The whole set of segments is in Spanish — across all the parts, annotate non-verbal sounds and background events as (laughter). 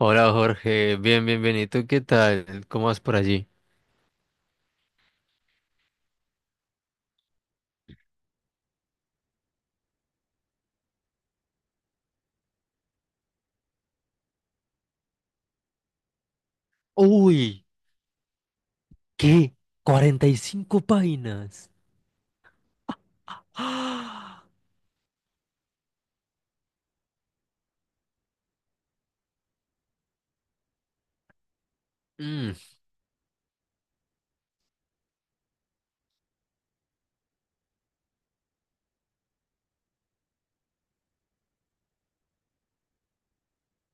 Hola, Jorge, bien, bienvenido. ¿Qué tal? ¿Cómo vas por allí? Uy, ¿qué? ¿45 páginas? ¡Ah! Mm.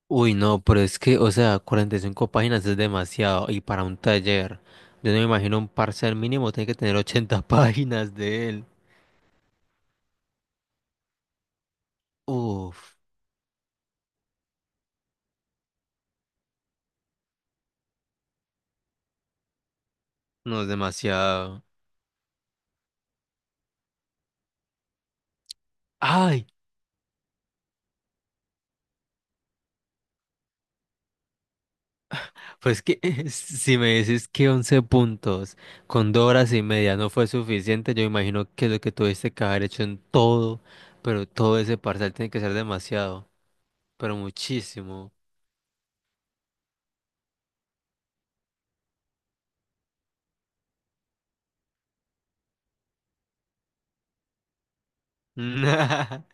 Uy, no, pero es que, o sea, 45 páginas es demasiado y para un taller. Yo no me imagino, un parcial mínimo tiene que tener 80 (laughs) páginas de él. Uf, no es demasiado. Ay. Pues que (laughs) si me dices que 11 puntos con 2 horas y media no fue suficiente, yo imagino que lo que tuviste que haber hecho en todo, pero todo ese parcial tiene que ser demasiado, pero muchísimo. (laughs)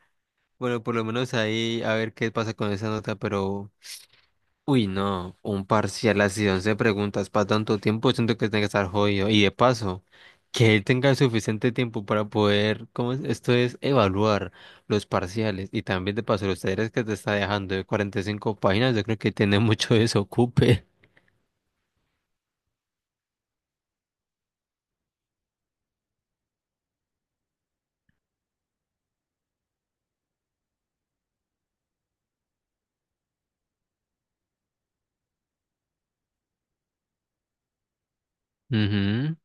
Bueno, por lo menos ahí a ver qué pasa con esa nota. Pero uy, no, un parcial así, 11 preguntas para tanto tiempo, siento que tiene que estar jodido. Y de paso, que él tenga suficiente tiempo para poder, ¿cómo es? Esto es evaluar los parciales. Y también de paso, los talleres que te está dejando de 45 páginas, yo creo que tiene (laughs) mucho desocupe. Ujú.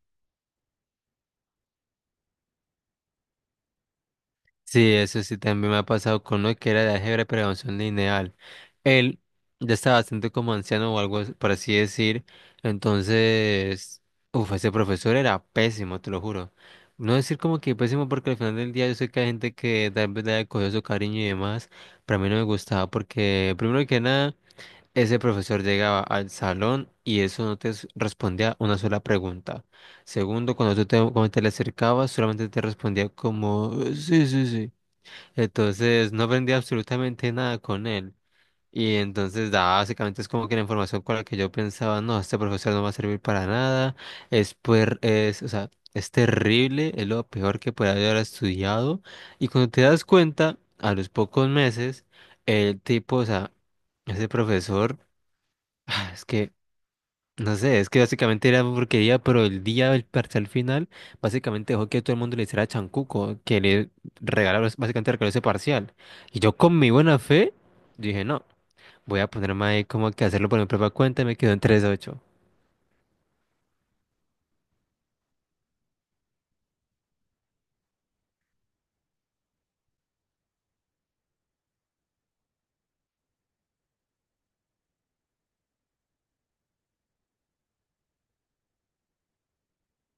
Sí, eso sí también me ha pasado con uno que era de álgebra pero de función lineal. Él ya estaba bastante como anciano o por así decir. Entonces, uff, ese profesor era pésimo, te lo juro. No decir como que pésimo porque al final del día yo sé que hay gente que tal vez le haya cogido su cariño y demás. Pero a mí no me gustaba porque, primero que nada, ese profesor llegaba al salón y eso no te respondía una sola pregunta. Segundo, cuando cuando te le acercabas, solamente te respondía como, sí, sí, sí. Entonces no aprendí absolutamente nada con él. Y entonces básicamente es como que la información con la que yo pensaba, no, este profesor no va a servir para nada, es, o sea, es terrible, es lo peor que puede haber estudiado. Y cuando te das cuenta, a los pocos meses, el tipo, o sea, ese profesor, (sighs) es que no sé, es que básicamente era porquería, pero el día del parcial final, básicamente dejó que todo el mundo le hiciera chancuco, que le regalaron, básicamente regaló ese parcial. Y yo con mi buena fe, dije, no, voy a ponerme ahí como que hacerlo por mi propia cuenta y me quedó en tres ocho.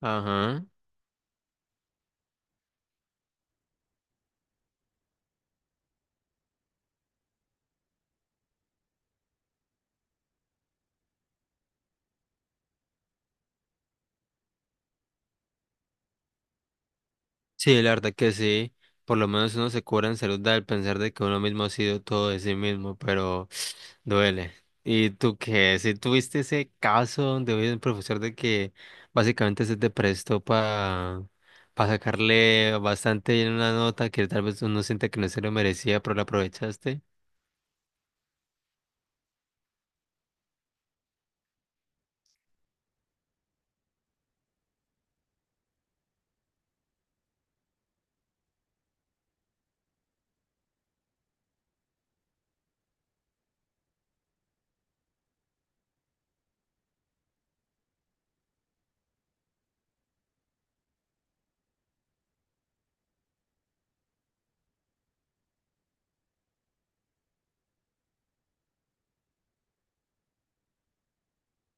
Ajá. Sí, la verdad que sí. Por lo menos uno se cura en salud al pensar de que uno mismo ha sido todo de sí mismo, pero (sniffs) duele. ¿Y tú qué? Si tuviste ese caso donde había un profesor de que básicamente se te prestó para sacarle bastante en una nota que tal vez uno siente que no se lo merecía, pero la aprovechaste.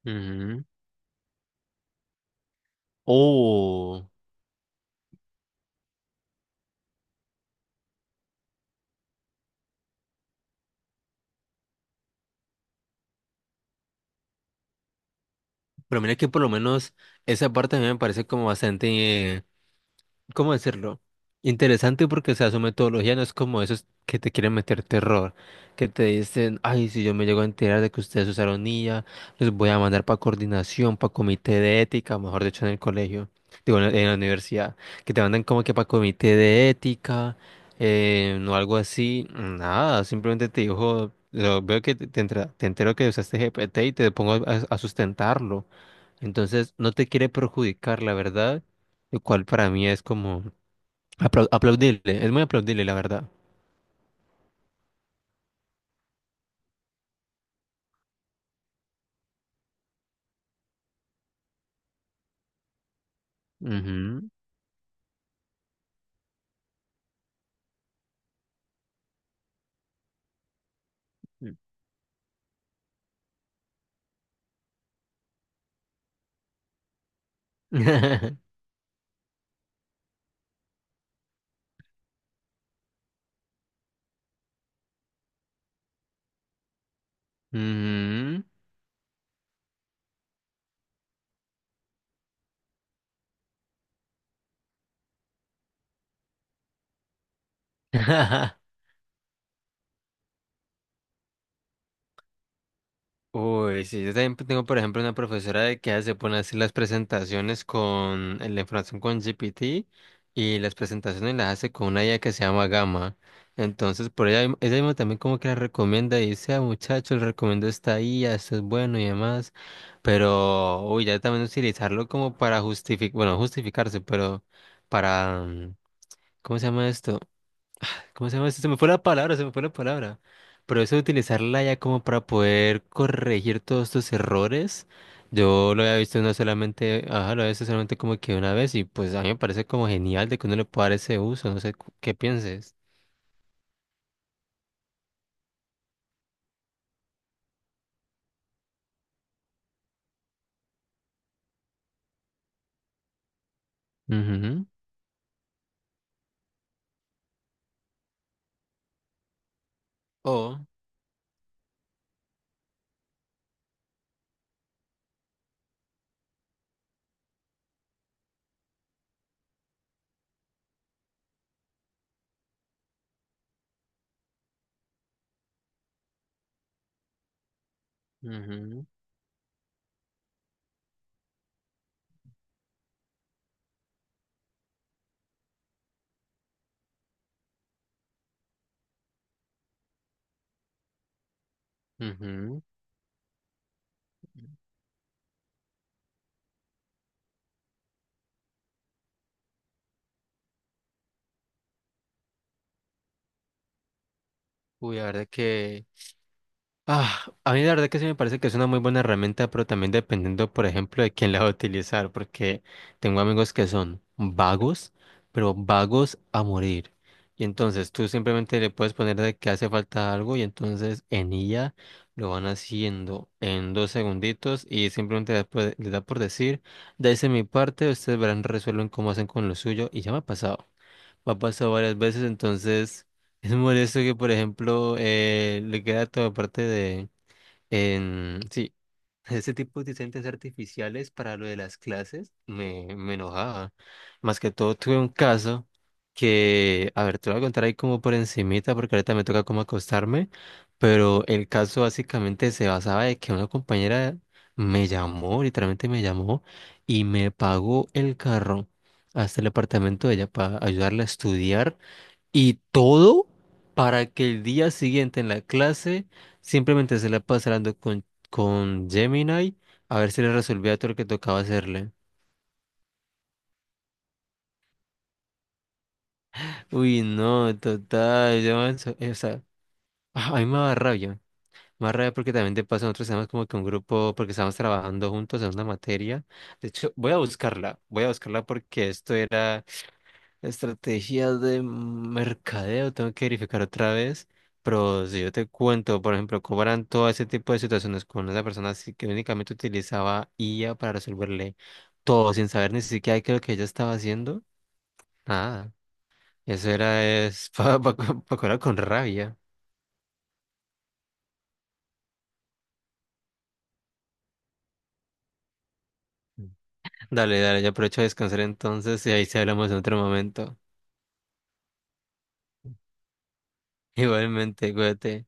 Ujú. Oh, pero mira que por lo menos esa parte a mí me parece como bastante, ¿cómo decirlo? Interesante porque, o sea, su metodología no es como esos que te quieren meter terror, que te dicen, ay, si yo me llego a enterar de que ustedes usaron IA, los voy a mandar para coordinación, para comité de ética, mejor dicho, en el colegio, digo, en la universidad, que te mandan como que para comité de ética, o algo así, nada, simplemente te dijo, veo que te entero que usaste GPT y te pongo a sustentarlo. Entonces, no te quiere perjudicar, la verdad, lo cual para mí es como aplaudible, es muy aplaudible, la verdad. Ujú. (laughs) Ujú. (laughs) Uy, sí, yo también tengo, por ejemplo, una profesora de que se pone a hacer las presentaciones con la información con GPT y las presentaciones las hace con una IA que se llama Gama. Entonces, por ella, ella misma también como que la recomienda y dice, ah, muchachos, les recomiendo esta IA, esto es bueno y demás. Pero, uy, ya también utilizarlo como para justificar, bueno, justificarse, pero para, ¿cómo se llama esto? ¿Cómo se llama eso? Se me fue la palabra, se me fue la palabra. Pero eso de utilizarla ya como para poder corregir todos tus errores, yo lo había visto no solamente, ajá, lo había visto solamente como que una vez y pues a mí me parece como genial de que uno le pueda dar ese uso, no sé qué pienses. Ujú. O, ujú, ujú. Uy, la verdad que... Ah, a mí la verdad que sí me parece que es una muy buena herramienta, pero también dependiendo, por ejemplo, de quién la va a utilizar, porque tengo amigos que son vagos, pero vagos a morir. Y entonces tú simplemente le puedes poner de que hace falta algo y entonces en ella lo van haciendo en 2 segunditos y simplemente le da por decir, de mi parte, ustedes verán, resuelven cómo hacen con lo suyo y ya me ha pasado. Me ha pasado varias veces, entonces es molesto que, por ejemplo, le queda toda parte de, en, sí, ese tipo de inteligencias artificiales para lo de las clases me enojaba. Más que todo tuve un caso que, a ver, te lo voy a contar ahí como por encimita porque ahorita me toca como acostarme, pero el caso básicamente se basaba de que una compañera me llamó, literalmente me llamó y me pagó el carro hasta el apartamento de ella para ayudarla a estudiar y todo para que el día siguiente en la clase simplemente se la pasando con Gemini a ver si le resolvía todo lo que tocaba hacerle. Uy, no, total, o sea, ah, a mí me da rabia. Me da rabia porque también te pasan otros temas como que un grupo, porque estábamos trabajando juntos en una materia. De hecho, voy a buscarla porque esto era Estrategias de Mercadeo, tengo que verificar otra vez. Pero si yo te cuento, por ejemplo, cómo eran todo ese tipo de situaciones con esa persona así que únicamente utilizaba IA para resolverle todo sin saber ni siquiera qué es lo que ella estaba haciendo. Nada. Eso era es (laughs) para curar con rabia. Dale, dale, yo aprovecho a descansar entonces y ahí se hablamos en otro momento. (laughs) Igualmente, cuídate.